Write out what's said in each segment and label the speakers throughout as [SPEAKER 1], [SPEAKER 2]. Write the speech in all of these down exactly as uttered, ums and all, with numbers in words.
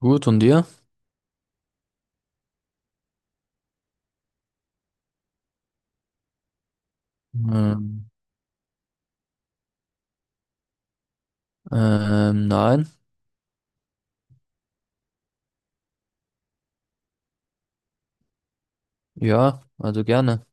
[SPEAKER 1] Gut, und dir? Ähm, ähm, nein. Ja, also gerne.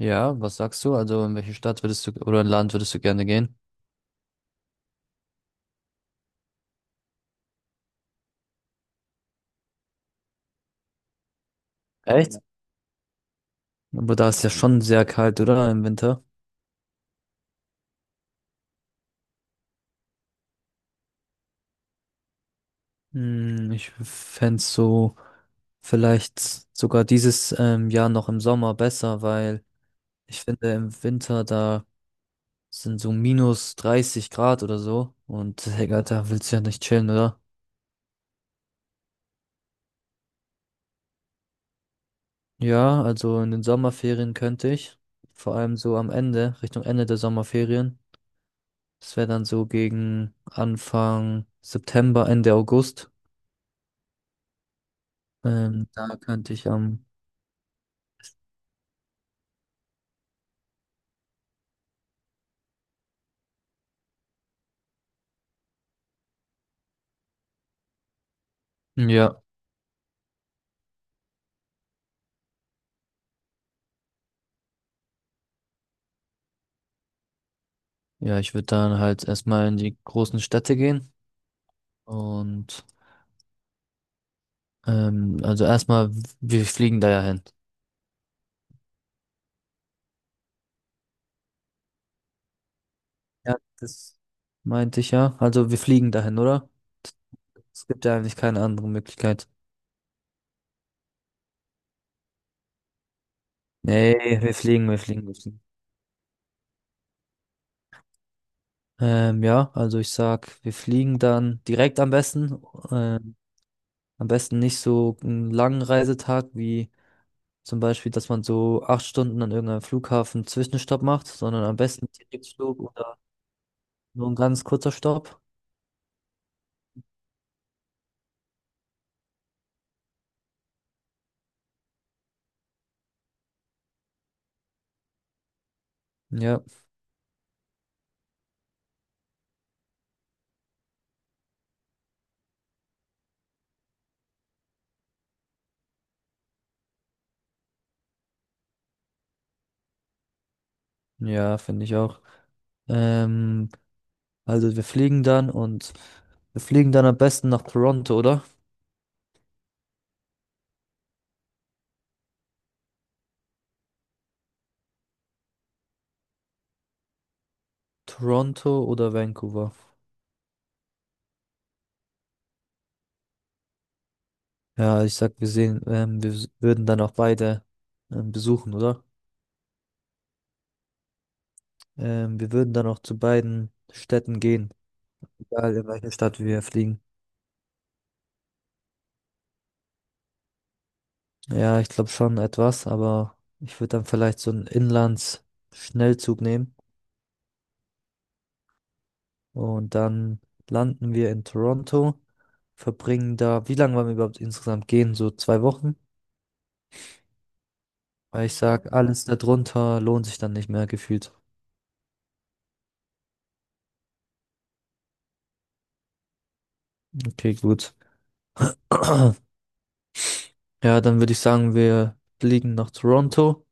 [SPEAKER 1] Ja, was sagst du? Also in welche Stadt würdest du oder in Land würdest du gerne gehen? Echt? Aber da ist ja schon sehr kalt, oder? Im Winter. Hm, ich fände so vielleicht sogar dieses ähm, Jahr noch im Sommer besser, weil ich finde im Winter da sind so minus dreißig Grad oder so. Und Digga, da willst du ja nicht chillen, oder? Ja, also in den Sommerferien könnte ich. Vor allem so am Ende, Richtung Ende der Sommerferien. Das wäre dann so gegen Anfang September, Ende August. Ähm, da könnte ich am, ja, ja, ich würde dann halt erstmal in die großen Städte gehen. Und ähm, also erstmal, w- wir fliegen da ja hin. Ja, das meinte ich ja. Also wir fliegen dahin, oder? Es gibt ja eigentlich keine andere Möglichkeit. Nee, wir fliegen, wir fliegen, wir fliegen. Ähm, ja, also ich sag, wir fliegen dann direkt am besten. Ähm, am besten nicht so einen langen Reisetag wie zum Beispiel, dass man so acht Stunden an irgendeinem Flughafen Zwischenstopp macht, sondern am besten Direktflug oder nur ein ganz kurzer Stopp. Ja, ja, finde ich auch. Ähm, also wir fliegen dann und wir fliegen dann am besten nach Toronto, oder? Toronto oder Vancouver. Ja, ich sag, wir sehen, ähm, wir s- würden dann auch beide ähm, besuchen, oder? Ähm, wir würden dann auch zu beiden Städten gehen, egal in welche Stadt wir fliegen. Ja, ich glaube schon etwas, aber ich würde dann vielleicht so einen Inlands-Schnellzug nehmen und dann landen wir in Toronto, verbringen da, wie lange wollen wir überhaupt insgesamt gehen? So zwei Wochen? Weil ich ja sag, alles darunter lohnt sich dann nicht mehr gefühlt. Okay, gut. Ja, dann würde ich sagen, wir fliegen nach Toronto.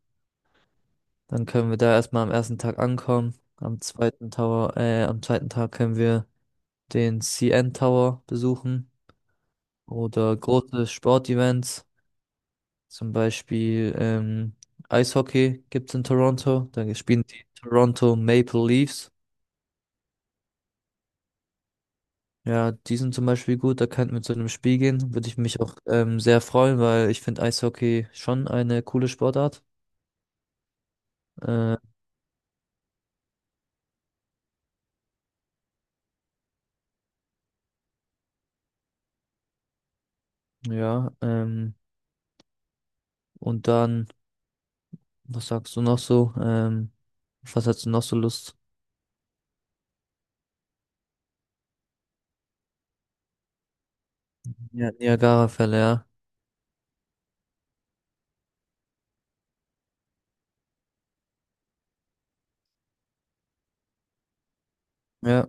[SPEAKER 1] Dann können wir da erstmal am ersten Tag ankommen. Am zweiten Tower, äh, am zweiten Tag können wir den C N Tower besuchen oder große Sportevents, zum Beispiel ähm, Eishockey gibt es in Toronto. Da spielen die Toronto Maple Leafs. Ja, die sind zum Beispiel gut, da könnten wir zu einem Spiel gehen, würde ich mich auch ähm, sehr freuen, weil ich finde Eishockey schon eine coole Sportart. Äh, ja, ähm, und dann, was sagst du noch so? Ähm, auf was hast du noch so Lust? Ja, Niagara-Fälle, ja. Ja,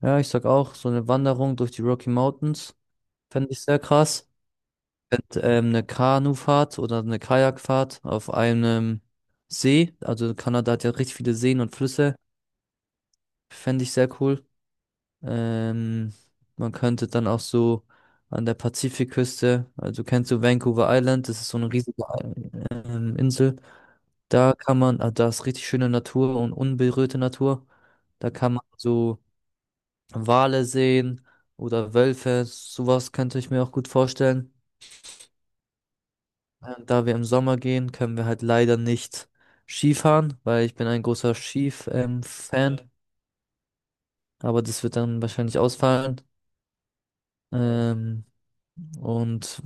[SPEAKER 1] ja, ich sag auch, so eine Wanderung durch die Rocky Mountains fände ich sehr krass. Und ähm, eine Kanufahrt oder eine Kajakfahrt auf einem See. Also Kanada hat ja richtig viele Seen und Flüsse. Fände ich sehr cool. Ähm, man könnte dann auch so an der Pazifikküste, also kennst du Vancouver Island, das ist so eine riesige ähm, Insel. Da kann man, ah, da ist richtig schöne Natur und unberührte Natur. Da kann man so Wale sehen oder Wölfe. Sowas könnte ich mir auch gut vorstellen. Äh, Da wir im Sommer gehen, können wir halt leider nicht Skifahren, weil ich bin ein großer Skif-Fan. Ja, aber das wird dann wahrscheinlich ausfallen. Ähm, und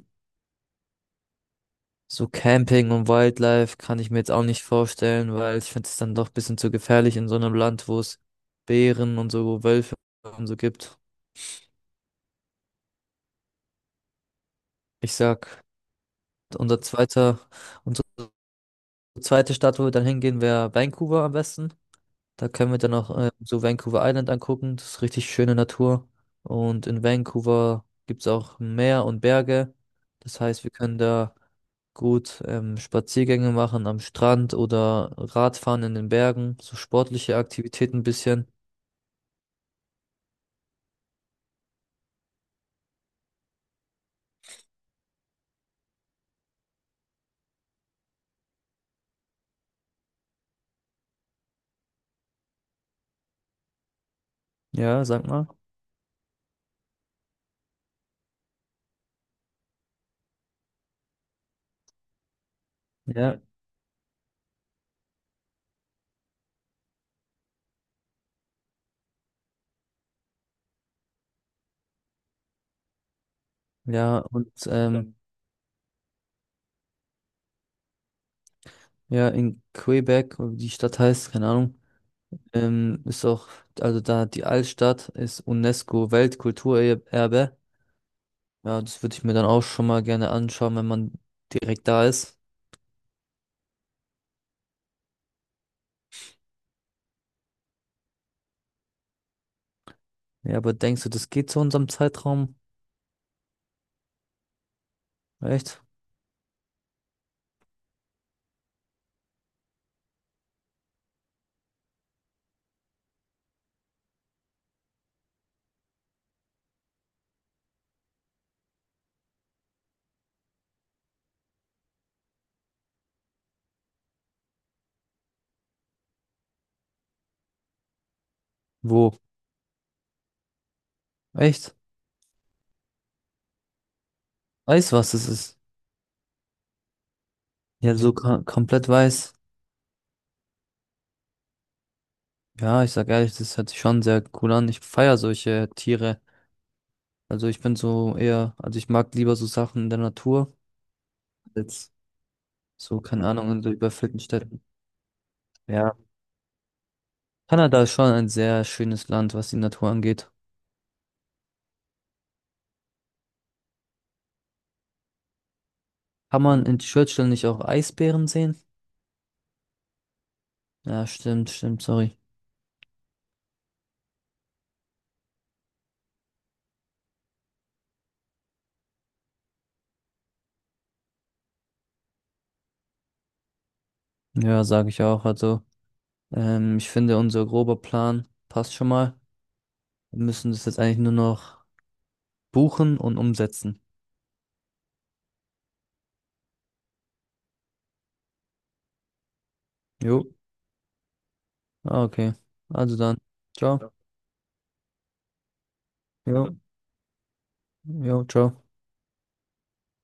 [SPEAKER 1] so Camping und Wildlife kann ich mir jetzt auch nicht vorstellen, weil ich finde es dann doch ein bisschen zu gefährlich in so einem Land, wo es Bären und so Wölfe und so gibt. Ich sag, unser zweiter, unsere zweite Stadt, wo wir dann hingehen, wäre Vancouver am besten. Da können wir dann noch äh, so Vancouver Island angucken. Das ist richtig schöne Natur. Und in Vancouver gibt es auch Meer und Berge. Das heißt, wir können da gut ähm, Spaziergänge machen am Strand oder Radfahren in den Bergen. So sportliche Aktivitäten ein bisschen. Ja, sag mal. Ja, ja. Und ja, ähm, ja, in Quebec, wie die Stadt heißt, keine Ahnung, ähm, ist auch, also da die Altstadt ist UNESCO-Weltkulturerbe. Ja, das würde ich mir dann auch schon mal gerne anschauen, wenn man direkt da ist. Ja, aber denkst du, das geht zu unserem Zeitraum? Echt? Wo? Echt? Weiß, was es ist. Ja, so ka- komplett weiß. Ja, ich sag ehrlich, das hört sich schon sehr cool an. Ich feier solche Tiere. Also ich bin so eher, also ich mag lieber so Sachen in der Natur als so, keine Ahnung, in so überfüllten Städten. Ja. Kanada ist schon ein sehr schönes Land, was die Natur angeht. Kann man in Churchill nicht auch Eisbären sehen? Ja, stimmt, stimmt, sorry. Ja, sage ich auch. Also, ähm, ich finde, unser grober Plan passt schon mal. Wir müssen das jetzt eigentlich nur noch buchen und umsetzen. Jo. Ah, okay. Also dann. Ciao. Ja. Jo. Jo, ciao.